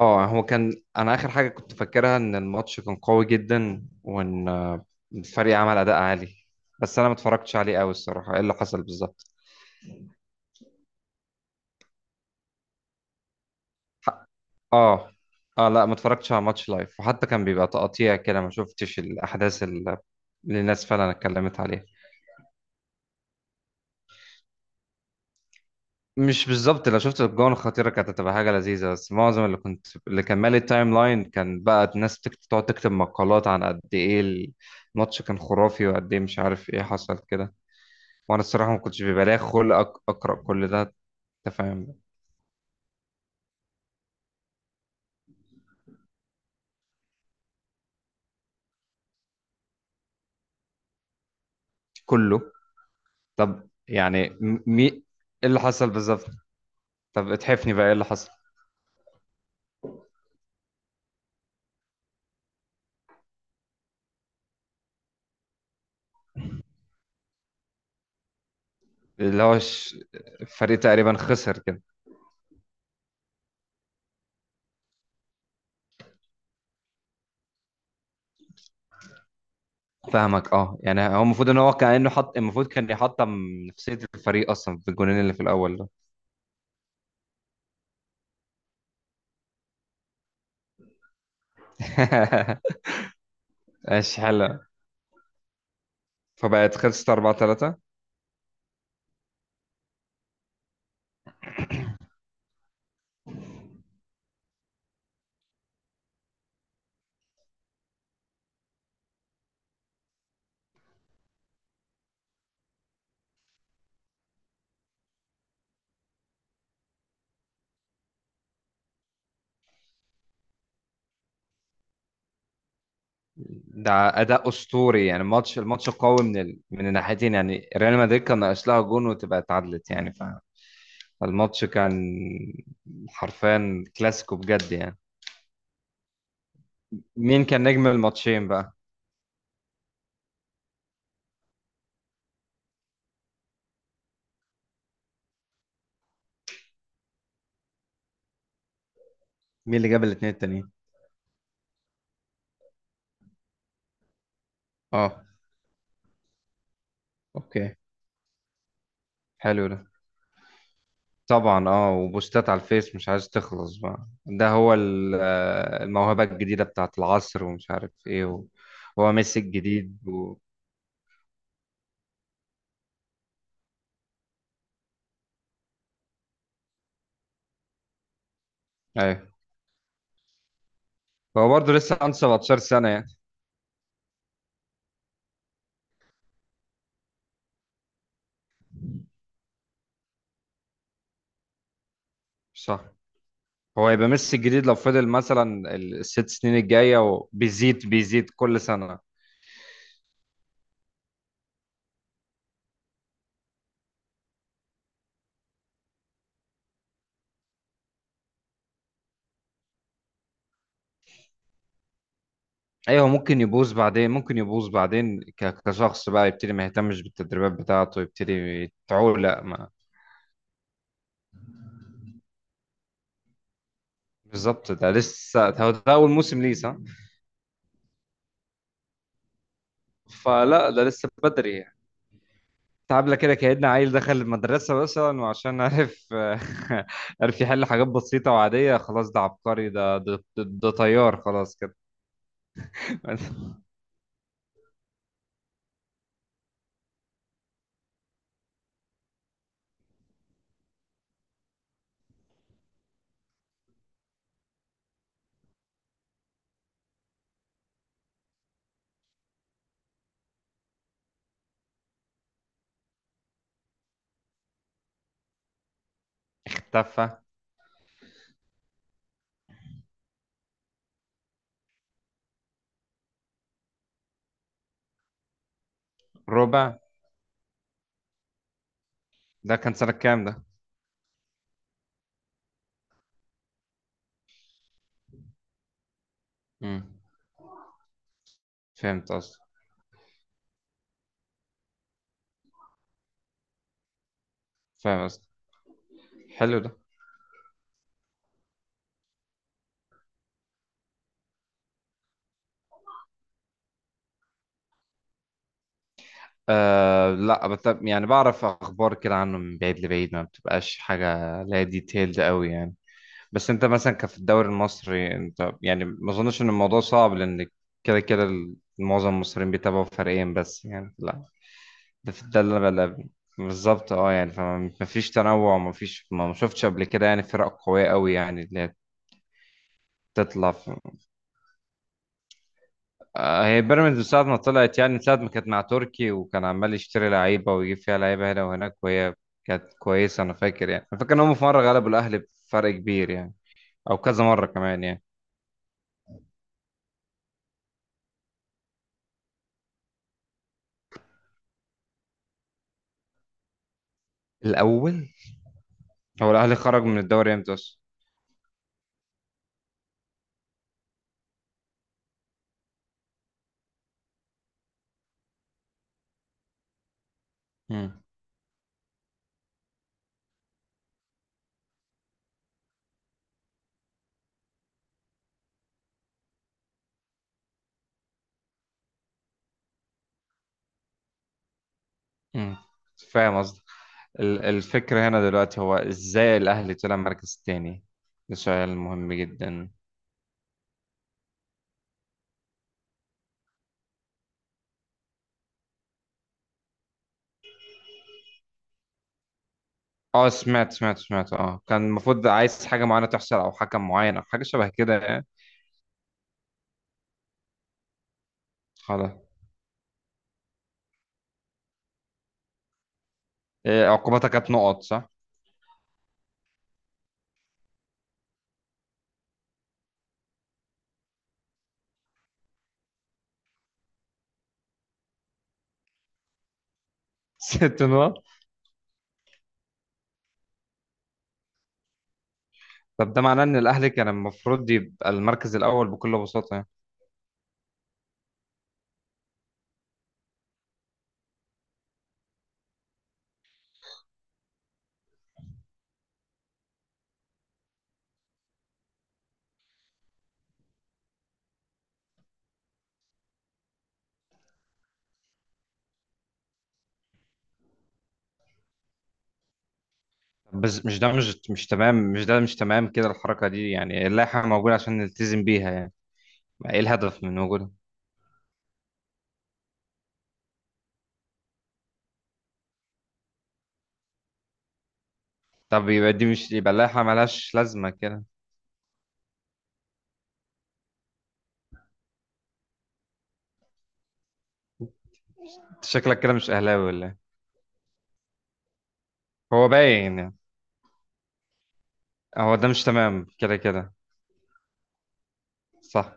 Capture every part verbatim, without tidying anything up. اه، هو كان انا اخر حاجه كنت فاكرها ان الماتش كان قوي جدا، وان آه، الفريق عمل اداء عالي. بس انا ما اتفرجتش عليه قوي الصراحه، ايه اللي حصل بالظبط؟ ح- اه. اه، لا ما اتفرجتش على ماتش لايف، وحتى كان بيبقى تقطيع كده، ما شفتش الاحداث ال- اللي الناس فعلا اتكلمت عليها. مش بالظبط، لو شفت الجون الخطيره كانت هتبقى حاجه لذيذه، بس معظم اللي كنت اللي كان مالي التايم لاين كان بقى الناس بتكت- تقعد تكتب مقالات عن قد ايه الماتش كان خرافي، وقد ايه مش عارف ايه حصل كده. وانا الصراحه ما كنتش بيبقى ليا خلق أق- اقرا كل ده. انت فاهم. كله. طب يعني م- مي ايه اللي حصل بالظبط؟ طب اتحفني بقى، ايه اللي حصل؟ اللي هو ش... الفريق تقريبا خسر كده. فاهمك، اه، يعني هو المفروض ان هو كانه حط، المفروض كان يحطم نفسيه الفريق اصلا في الجونين اللي في الاول ده. ماشي، حلو. فبقت خلصت أربعة تلاتة. ده اداء اسطوري يعني، ماتش الماتش قوي من ال... من الناحيتين، يعني ريال مدريد كان ناقص لها جون وتبقى اتعادلت يعني. ف الماتش كان حرفيا كلاسيكو بجد يعني. مين كان نجم الماتشين بقى؟ مين اللي جاب الاتنين التانيين؟ اه. اوكي، حلو ده. طبعا، اه، وبوستات على الفيس مش عايز تخلص بقى، ده هو ال- آه، الموهبة الجديدة بتاعت العصر ومش عارف ايه. و... هو ميسي الجديد. و... ايوه، هو برضه لسه عنده سبعتاشر سنة يعني. صح. هو يبقى ميسي الجديد لو فضل مثلا الست سنين الجاية وبيزيد بيزيد كل سنة. ايوه، ممكن يبوظ بعدين، ممكن يبوظ بعدين، ك- كشخص بقى يبتدي ما يهتمش بالتدريبات بتاعته، يبتدي تعولق ما... بالظبط، ده لسه هو ده اول موسم ليه، صح. فلا ده لسه بدري يعني. تعبنا كده، كأن عيل دخل المدرسة مثلا وعشان عرف عرف يحل حاجات بسيطة وعادية، خلاص ده عبقري، ده ده, ده, ده طيار خلاص كده. تفه. ربع. ده كان سنة كام ده؟ مم. فهمت قصدي. فاهم قصدي. حلو ده. أه، لا بت- يعني بعرف اخبار كده عنه من بعيد لبعيد، ما بتبقاش حاجه لا ديتيلد قوي يعني. بس انت مثلا كفي الدوري المصري، انت يعني ما اظنش ان الموضوع صعب، لان كده كده ال- معظم المصريين بيتابعوا فريقين بس يعني، لا. ده في ده اللي بلا- بالظبط، اه، يعني فما ما فيش تنوع، ما فيش، ما ما شفتش قبل كده يعني فرق قوية قوي، يعني اللي هي تطلع. آه، هي بيراميدز من ساعة ما طلعت يعني، من ساعة ما كانت مع تركي، وكان عمال يشتري لعيبة ويجيب فيها لعيبة هنا وهناك، وهي كانت كويسة. أنا فاكر يعني، أنا فاكر إن هم في مرة غلبوا الأهلي بفرق كبير يعني، أو كذا مرة كمان يعني. الأول. هو الأهلي خرج من الدوري إمتى أصلا؟ مم. مم. فاهم قصدي. ال- الفكرة هنا دلوقتي هو إزاي الأهلي طلع مركز تاني. ده سؤال مهم جدا. اه، سمعت سمعت سمعت، اه، كان المفروض عايز حاجة معينة تحصل، أو حكم معين أو حاجة شبه كده يعني. خلاص. إيه، عقوبتها كانت نقط صح؟ ست نقط. طب ده معناه ان الاهلي كان المفروض يبقى المركز الاول بكل بساطه يعني. بس مش ده، مش مش تمام، مش ده مش تمام كده الحركه دي يعني، اللائحه موجوده عشان نلتزم بيها يعني، ايه الهدف من وجودها. طب، يبقى دي مش، يبقى اللائحه ملهاش لازمه كده. أنت شكلك كده مش اهلاوي ولا إيه؟ هو باين يعني. هو ده مش تمام كده كده. صح.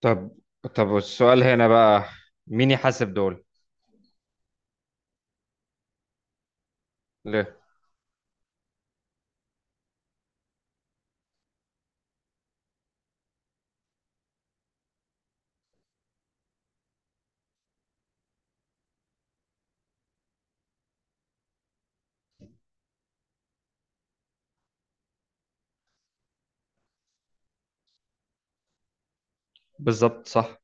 طب طب السؤال هنا بقى، مين يحاسب دول؟ ليه؟ بالظبط، صح.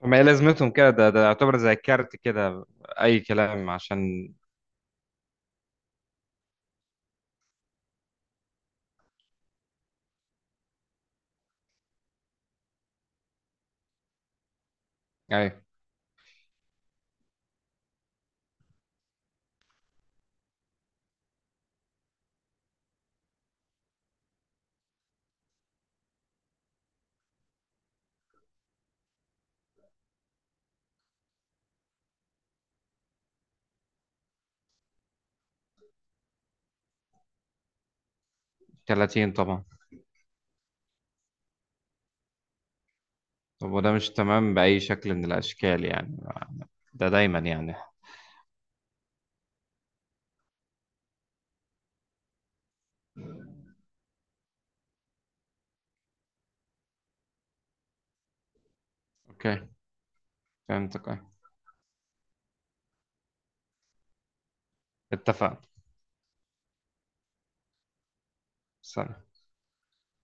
ما هي لازمتهم كده، ده ده يعتبر زي كارت كده، اي كلام عشان... أيوة. تلاتين طبعا. طب، وده مش تمام بأي شكل من الأشكال يعني، ده دايما يعني. أوكي. فهمتك، أه. اتفقنا. سلام.